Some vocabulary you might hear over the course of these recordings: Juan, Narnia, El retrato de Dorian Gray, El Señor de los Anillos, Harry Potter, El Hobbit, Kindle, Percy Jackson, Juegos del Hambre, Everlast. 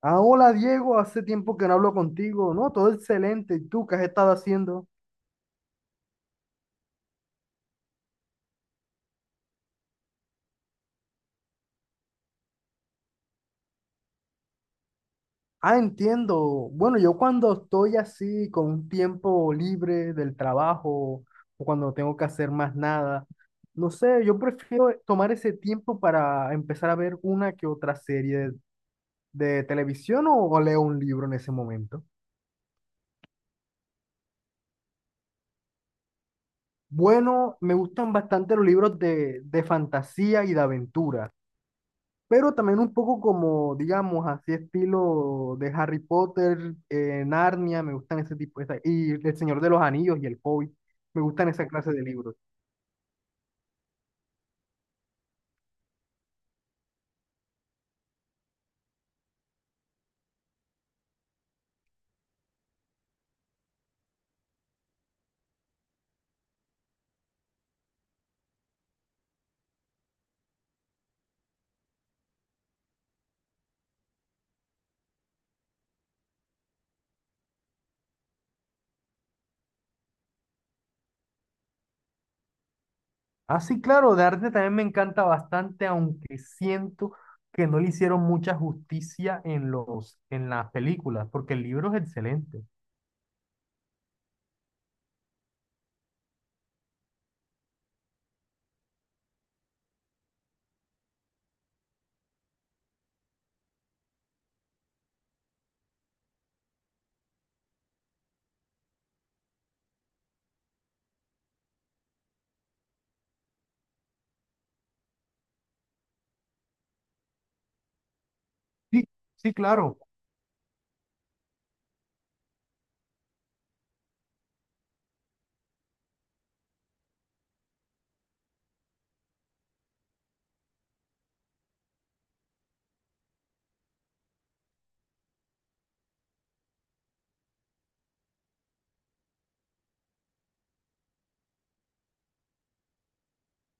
Ah, hola Diego, hace tiempo que no hablo contigo. No, todo excelente. ¿Y tú qué has estado haciendo? Ah, entiendo. Bueno, yo cuando estoy así con un tiempo libre del trabajo o cuando no tengo que hacer más nada, no sé, yo prefiero tomar ese tiempo para empezar a ver una que otra serie de televisión o leo un libro en ese momento. Bueno, me gustan bastante los libros de fantasía y de aventura. Pero también un poco como, digamos, así estilo de Harry Potter, Narnia, me gustan ese tipo, y El Señor de los Anillos y El Hobbit, me gustan esa clase de libros. Ah, sí, claro, de arte también me encanta bastante, aunque siento que no le hicieron mucha justicia en en las películas, porque el libro es excelente. Sí, sí, claro.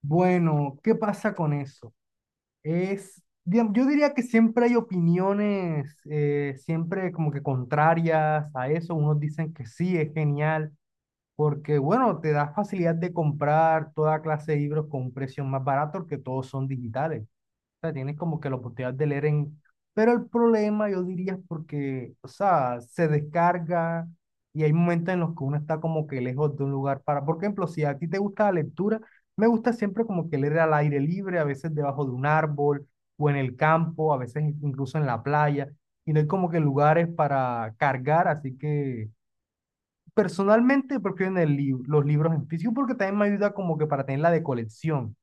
Bueno, ¿qué pasa con eso? Es, yo diría que siempre hay opiniones, siempre como que contrarias a eso. Unos dicen que sí, es genial, porque bueno, te da facilidad de comprar toda clase de libros con precios más baratos, porque todos son digitales. O sea, tienes como que la oportunidad de leer en... Pero el problema, yo diría, es porque, o sea, se descarga y hay momentos en los que uno está como que lejos de un lugar para... Por ejemplo, si a ti te gusta la lectura, me gusta siempre como que leer al aire libre, a veces debajo de un árbol o en el campo, a veces incluso en la playa, y no hay como que lugares para cargar, así que personalmente prefiero en los libros en físico porque también me ayuda como que para tener la de colección.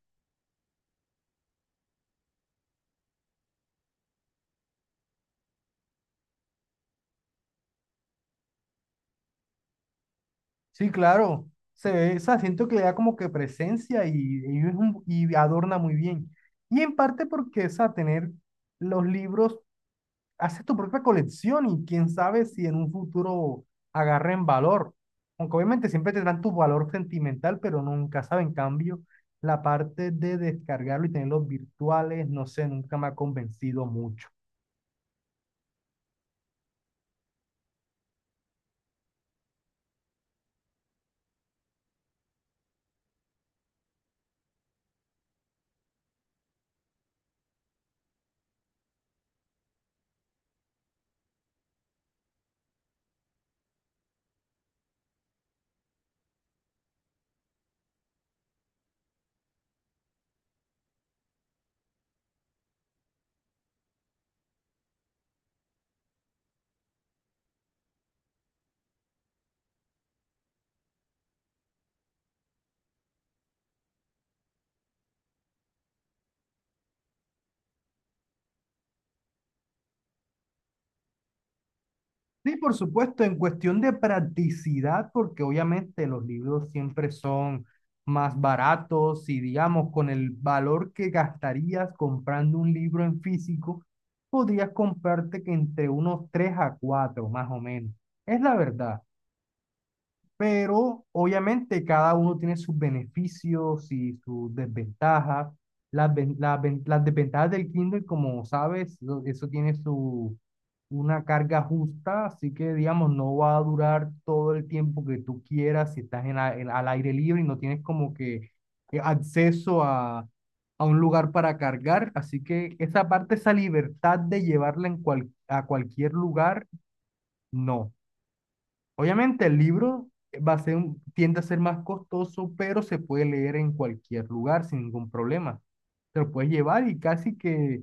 Sí, claro. Se ve, o sea, siento que le da como que presencia y es y adorna muy bien. Y en parte porque, o sea, tener los libros, hace tu propia colección y quién sabe si en un futuro agarren valor. Aunque obviamente siempre tendrán tu valor sentimental, pero nunca sabe. En cambio, la parte de descargarlo y tenerlos virtuales, no sé, nunca me ha convencido mucho. Sí, por supuesto, en cuestión de practicidad, porque obviamente los libros siempre son más baratos y digamos, con el valor que gastarías comprando un libro en físico, podrías comprarte que entre unos 3 a 4, más o menos. Es la verdad, pero obviamente cada uno tiene sus beneficios y sus desventajas. Las desventajas del Kindle, como sabes, eso tiene su, una carga justa, así que digamos, no va a durar todo el tiempo que tú quieras si estás al aire libre y no tienes como que acceso a un lugar para cargar, así que esa parte, esa libertad de llevarla en a cualquier lugar, no. Obviamente el libro va a ser, tiende a ser más costoso, pero se puede leer en cualquier lugar sin ningún problema. Te lo puedes llevar y casi que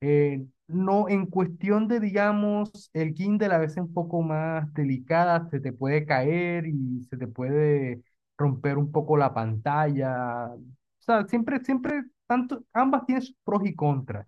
no, en cuestión de, digamos, el Kindle a veces un poco más delicada, se te puede caer y se te puede romper un poco la pantalla. O sea, siempre, siempre, tanto, ambas tienen sus pros y contras.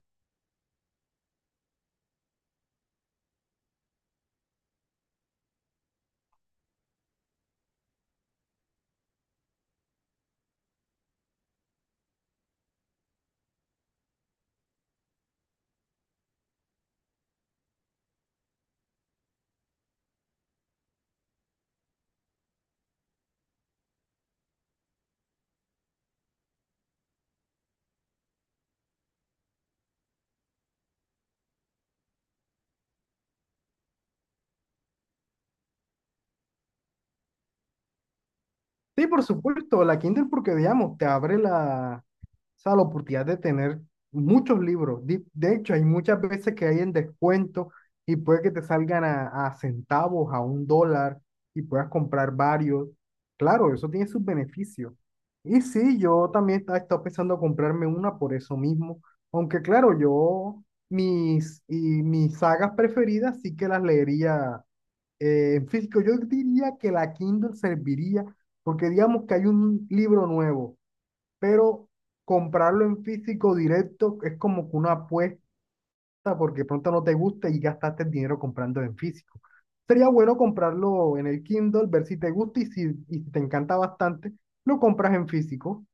Sí, por supuesto, la Kindle porque, digamos, te abre la... O sea, la oportunidad de tener muchos libros. De hecho, hay muchas veces que hay en descuento y puede que te salgan a centavos, a un dólar y puedas comprar varios. Claro, eso tiene sus beneficios. Y sí, yo también estaba pensando comprarme una por eso mismo. Aunque claro, yo mis sagas preferidas sí que las leería en físico. Yo diría que la Kindle serviría porque digamos que hay un libro nuevo, pero comprarlo en físico directo es como que una apuesta porque pronto no te gusta y gastaste el dinero comprando en físico. Sería bueno comprarlo en el Kindle, ver si te gusta y y si te encanta bastante, lo compras en físico.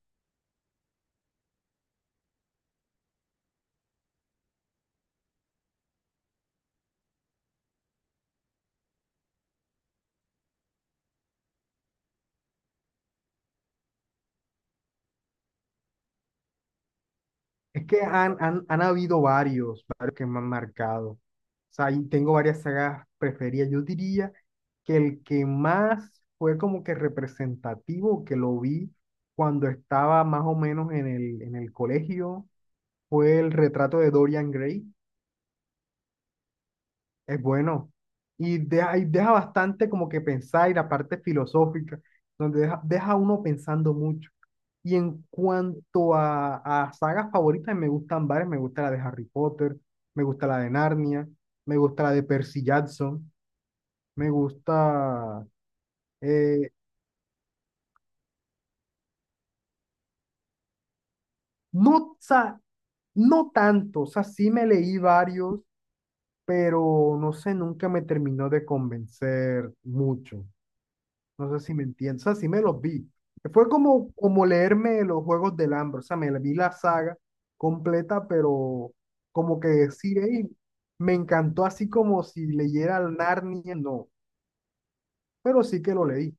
Es que han habido varios que me han marcado. O sea, y tengo varias sagas preferidas. Yo diría que el que más fue como que representativo, que lo vi cuando estaba más o menos en en el colegio, fue el retrato de Dorian Gray. Es bueno. Y deja bastante como que pensar y la parte filosófica, donde deja a uno pensando mucho. Y en cuanto a sagas favoritas, me gustan varias. Me gusta la de Harry Potter, me gusta la de Narnia, me gusta la de Percy Jackson, me gusta... eh, no, o sea, no tanto, o sea, sí me leí varios, pero no sé, nunca me terminó de convencer mucho. No sé si me entiendes. O sea, sí me los vi. Fue como, como leerme los Juegos del Hambre. O sea, me vi la saga completa, pero como que decir: "Ey, me encantó así como si leyera el Narnia", no. Pero sí que lo leí.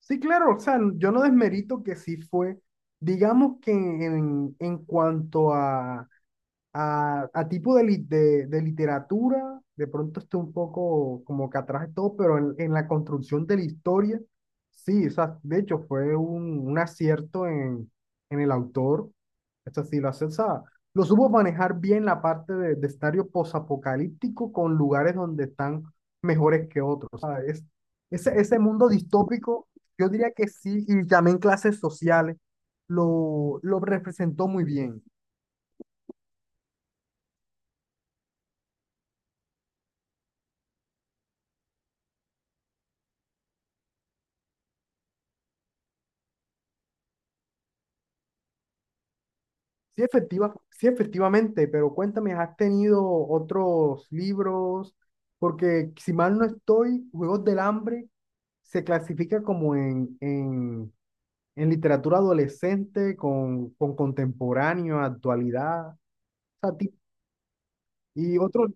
Sí, claro, o sea, yo no desmerito que sí fue. Digamos que en cuanto a, a tipo de, de literatura, de pronto estoy un poco como que atrás de todo, pero en la construcción de la historia, sí, o sea, de hecho fue un acierto en el autor. Esto sí, lo hace, o sea, lo supo manejar bien la parte de escenario posapocalíptico con lugares donde están mejores que otros. O sea, ese mundo distópico, yo diría que sí, y también clases sociales, lo representó muy bien. Sí, efectiva, sí, efectivamente, pero cuéntame, ¿has tenido otros libros? Porque si mal no estoy, Juegos del Hambre se clasifica como en literatura adolescente con contemporáneo, actualidad. O sea, y otro,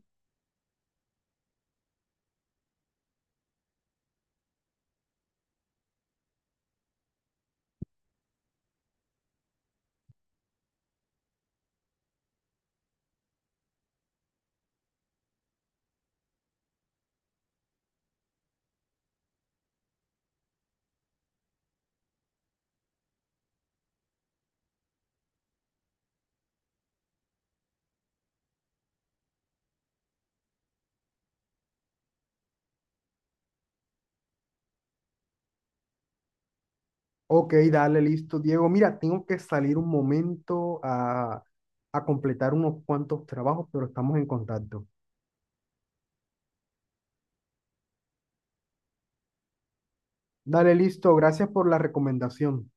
ok, dale, listo, Diego. Mira, tengo que salir un momento a completar unos cuantos trabajos, pero estamos en contacto. Dale, listo, gracias por la recomendación.